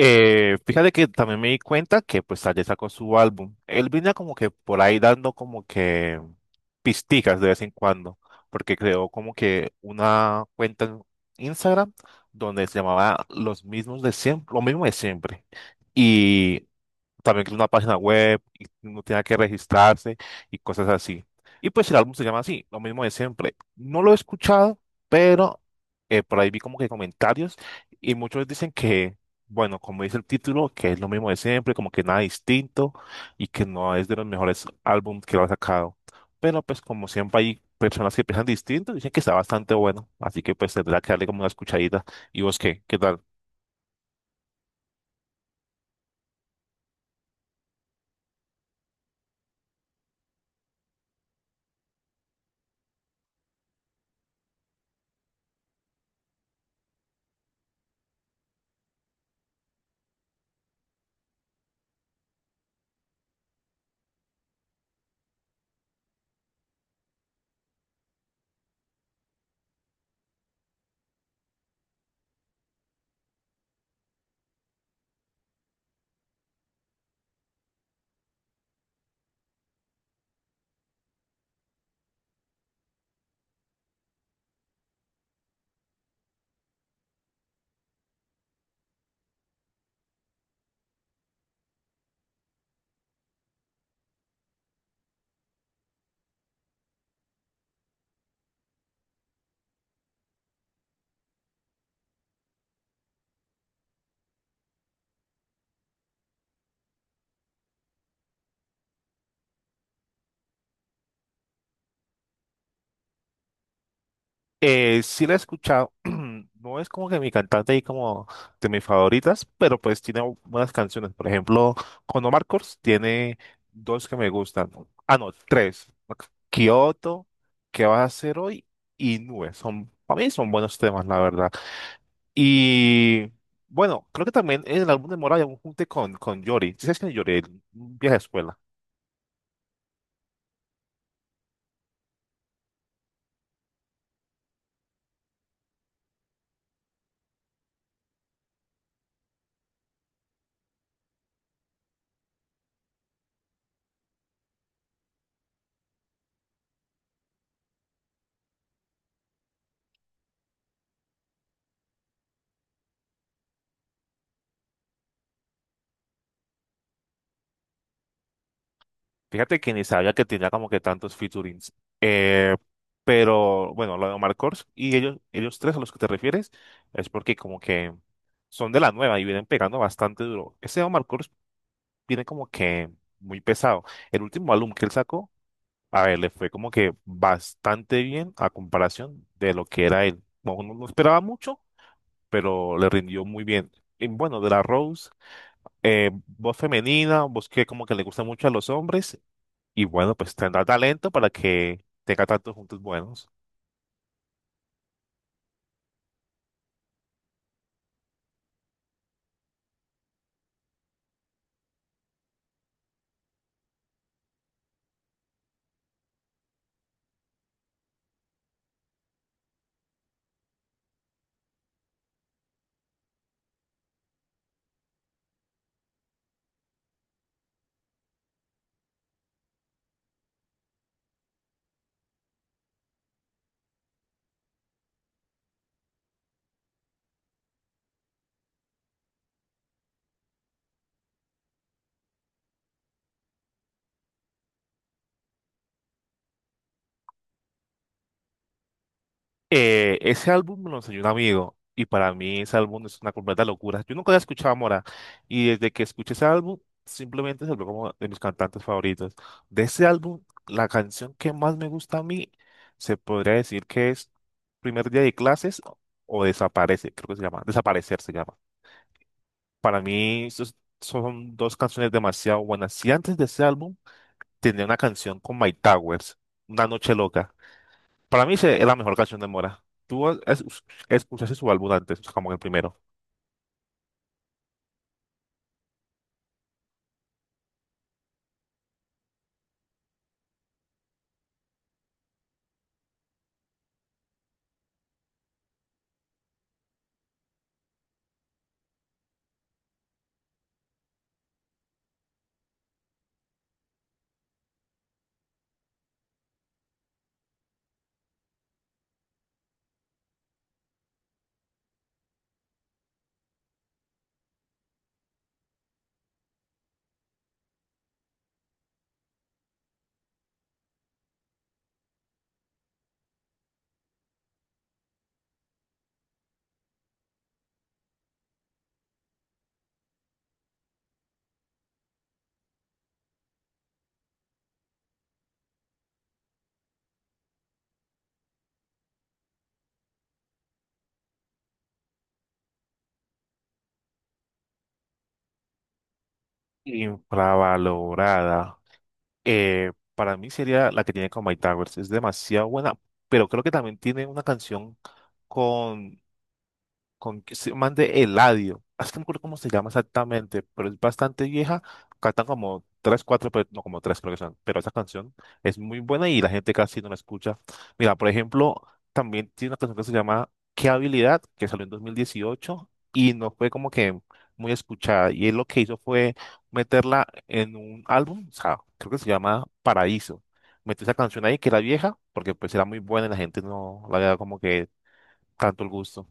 Fíjate que también me di cuenta que pues ayer sacó su álbum. Él venía como que por ahí dando como que pisticas de vez en cuando, porque creó como que una cuenta en Instagram donde se llamaba Los mismos de siempre, lo mismo de siempre. Y también que es una página web y uno tenía que registrarse y cosas así. Y pues el álbum se llama así, lo mismo de siempre. No lo he escuchado, pero por ahí vi como que comentarios y muchos dicen que, bueno, como dice el título, que es lo mismo de siempre, como que nada distinto y que no es de los mejores álbumes que lo ha sacado. Pero pues como siempre hay personas que piensan distinto, dicen que está bastante bueno, así que pues tendrá que darle como una escuchadita. ¿Y vos qué? ¿Qué tal? Sí la he escuchado, no es como que mi cantante y como de mis favoritas, pero pues tiene buenas canciones. Por ejemplo, con Omar Courtz tiene dos que me gustan. Ah, no, tres. Kyoto, ¿qué vas a hacer hoy? Y Nube. Son, para mí son buenos temas, la verdad. Y bueno, creo que también en el álbum de Mora hay un junte con Yori. ¿Sí sabes quién es Yori? El vieja escuela. Fíjate que ni sabía que tenía como que tantos featurings. Eh, pero bueno, lo de Omar Kors y ellos tres a los que te refieres es porque como que son de la nueva y vienen pegando bastante duro. Ese Omar Kors viene como que muy pesado. El último álbum que él sacó, a ver, le fue como que bastante bien a comparación de lo que era él. No, no, no esperaba mucho, pero le rindió muy bien. Y bueno, de la Rose, voz femenina, voz que como que le gusta mucho a los hombres y bueno, pues tendrá talento para que tenga tantos juntos buenos. Ese álbum me lo enseñó un amigo y para mí ese álbum es una completa locura. Yo nunca había escuchado a Mora y desde que escuché ese álbum simplemente se volvió como de mis cantantes favoritos. De ese álbum, la canción que más me gusta a mí se podría decir que es Primer Día de Clases o Desaparece, creo que se llama. Desaparecer se llama. Para mí esos son dos canciones demasiado buenas. Si antes de ese álbum tenía una canción con My Towers, Una Noche Loca. Para mí es la mejor canción de Mora. ¿Tú escuchaste su álbum antes, como el primero? Infravalorada. Para mí sería la que tiene con My Towers. Es demasiado buena, pero creo que también tiene una canción con con que se man de Eladio. Es que no me acuerdo cómo se llama exactamente, pero es bastante vieja. Cantan como tres, cuatro, pero no como tres, creo que son. Pero esa canción es muy buena y la gente casi no la escucha. Mira, por ejemplo, también tiene una canción que se llama ¿Qué habilidad? Que salió en 2018 y no fue como que muy escuchada. Y él lo que hizo fue meterla en un álbum, o sea, creo que se llama Paraíso. Metió esa canción ahí que era vieja, porque pues era muy buena y la gente no la había dado como que tanto el gusto.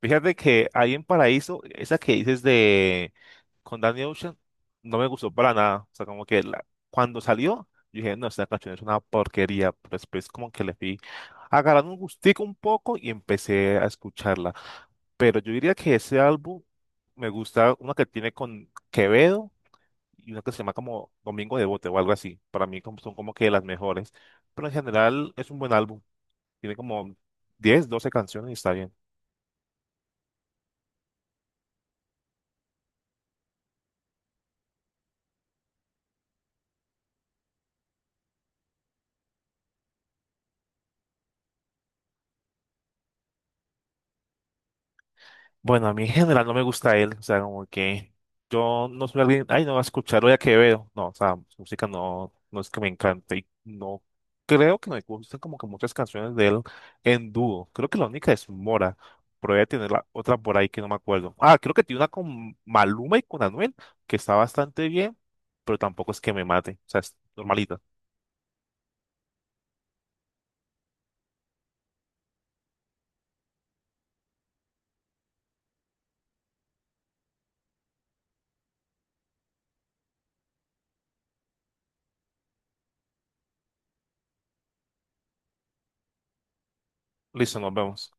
Fíjate que ahí en Paraíso, esa que dices de con Danny Ocean, no me gustó para nada. O sea, como que cuando salió, yo dije, no, esta canción es una porquería. Pero después como que le fui agarrando un gustico un poco y empecé a escucharla. Pero yo diría que ese álbum me gusta una que tiene con Quevedo y una que se llama como Domingo de Bote o algo así. Para mí son como que las mejores. Pero en general es un buen álbum. Tiene como 10 12 canciones y está bien. Bueno, a mí en general no me gusta él, o sea, como que yo no soy alguien, ay, no, a escucharlo ya que veo, no, o sea, su música no, no es que me encante y no creo que no me gusten como que muchas canciones de él en dúo, creo que la única es Mora, pero voy a tener la otra por ahí que no me acuerdo. Ah, creo que tiene una con Maluma y con Anuel, que está bastante bien, pero tampoco es que me mate, o sea, es normalita. Listo, nos vemos.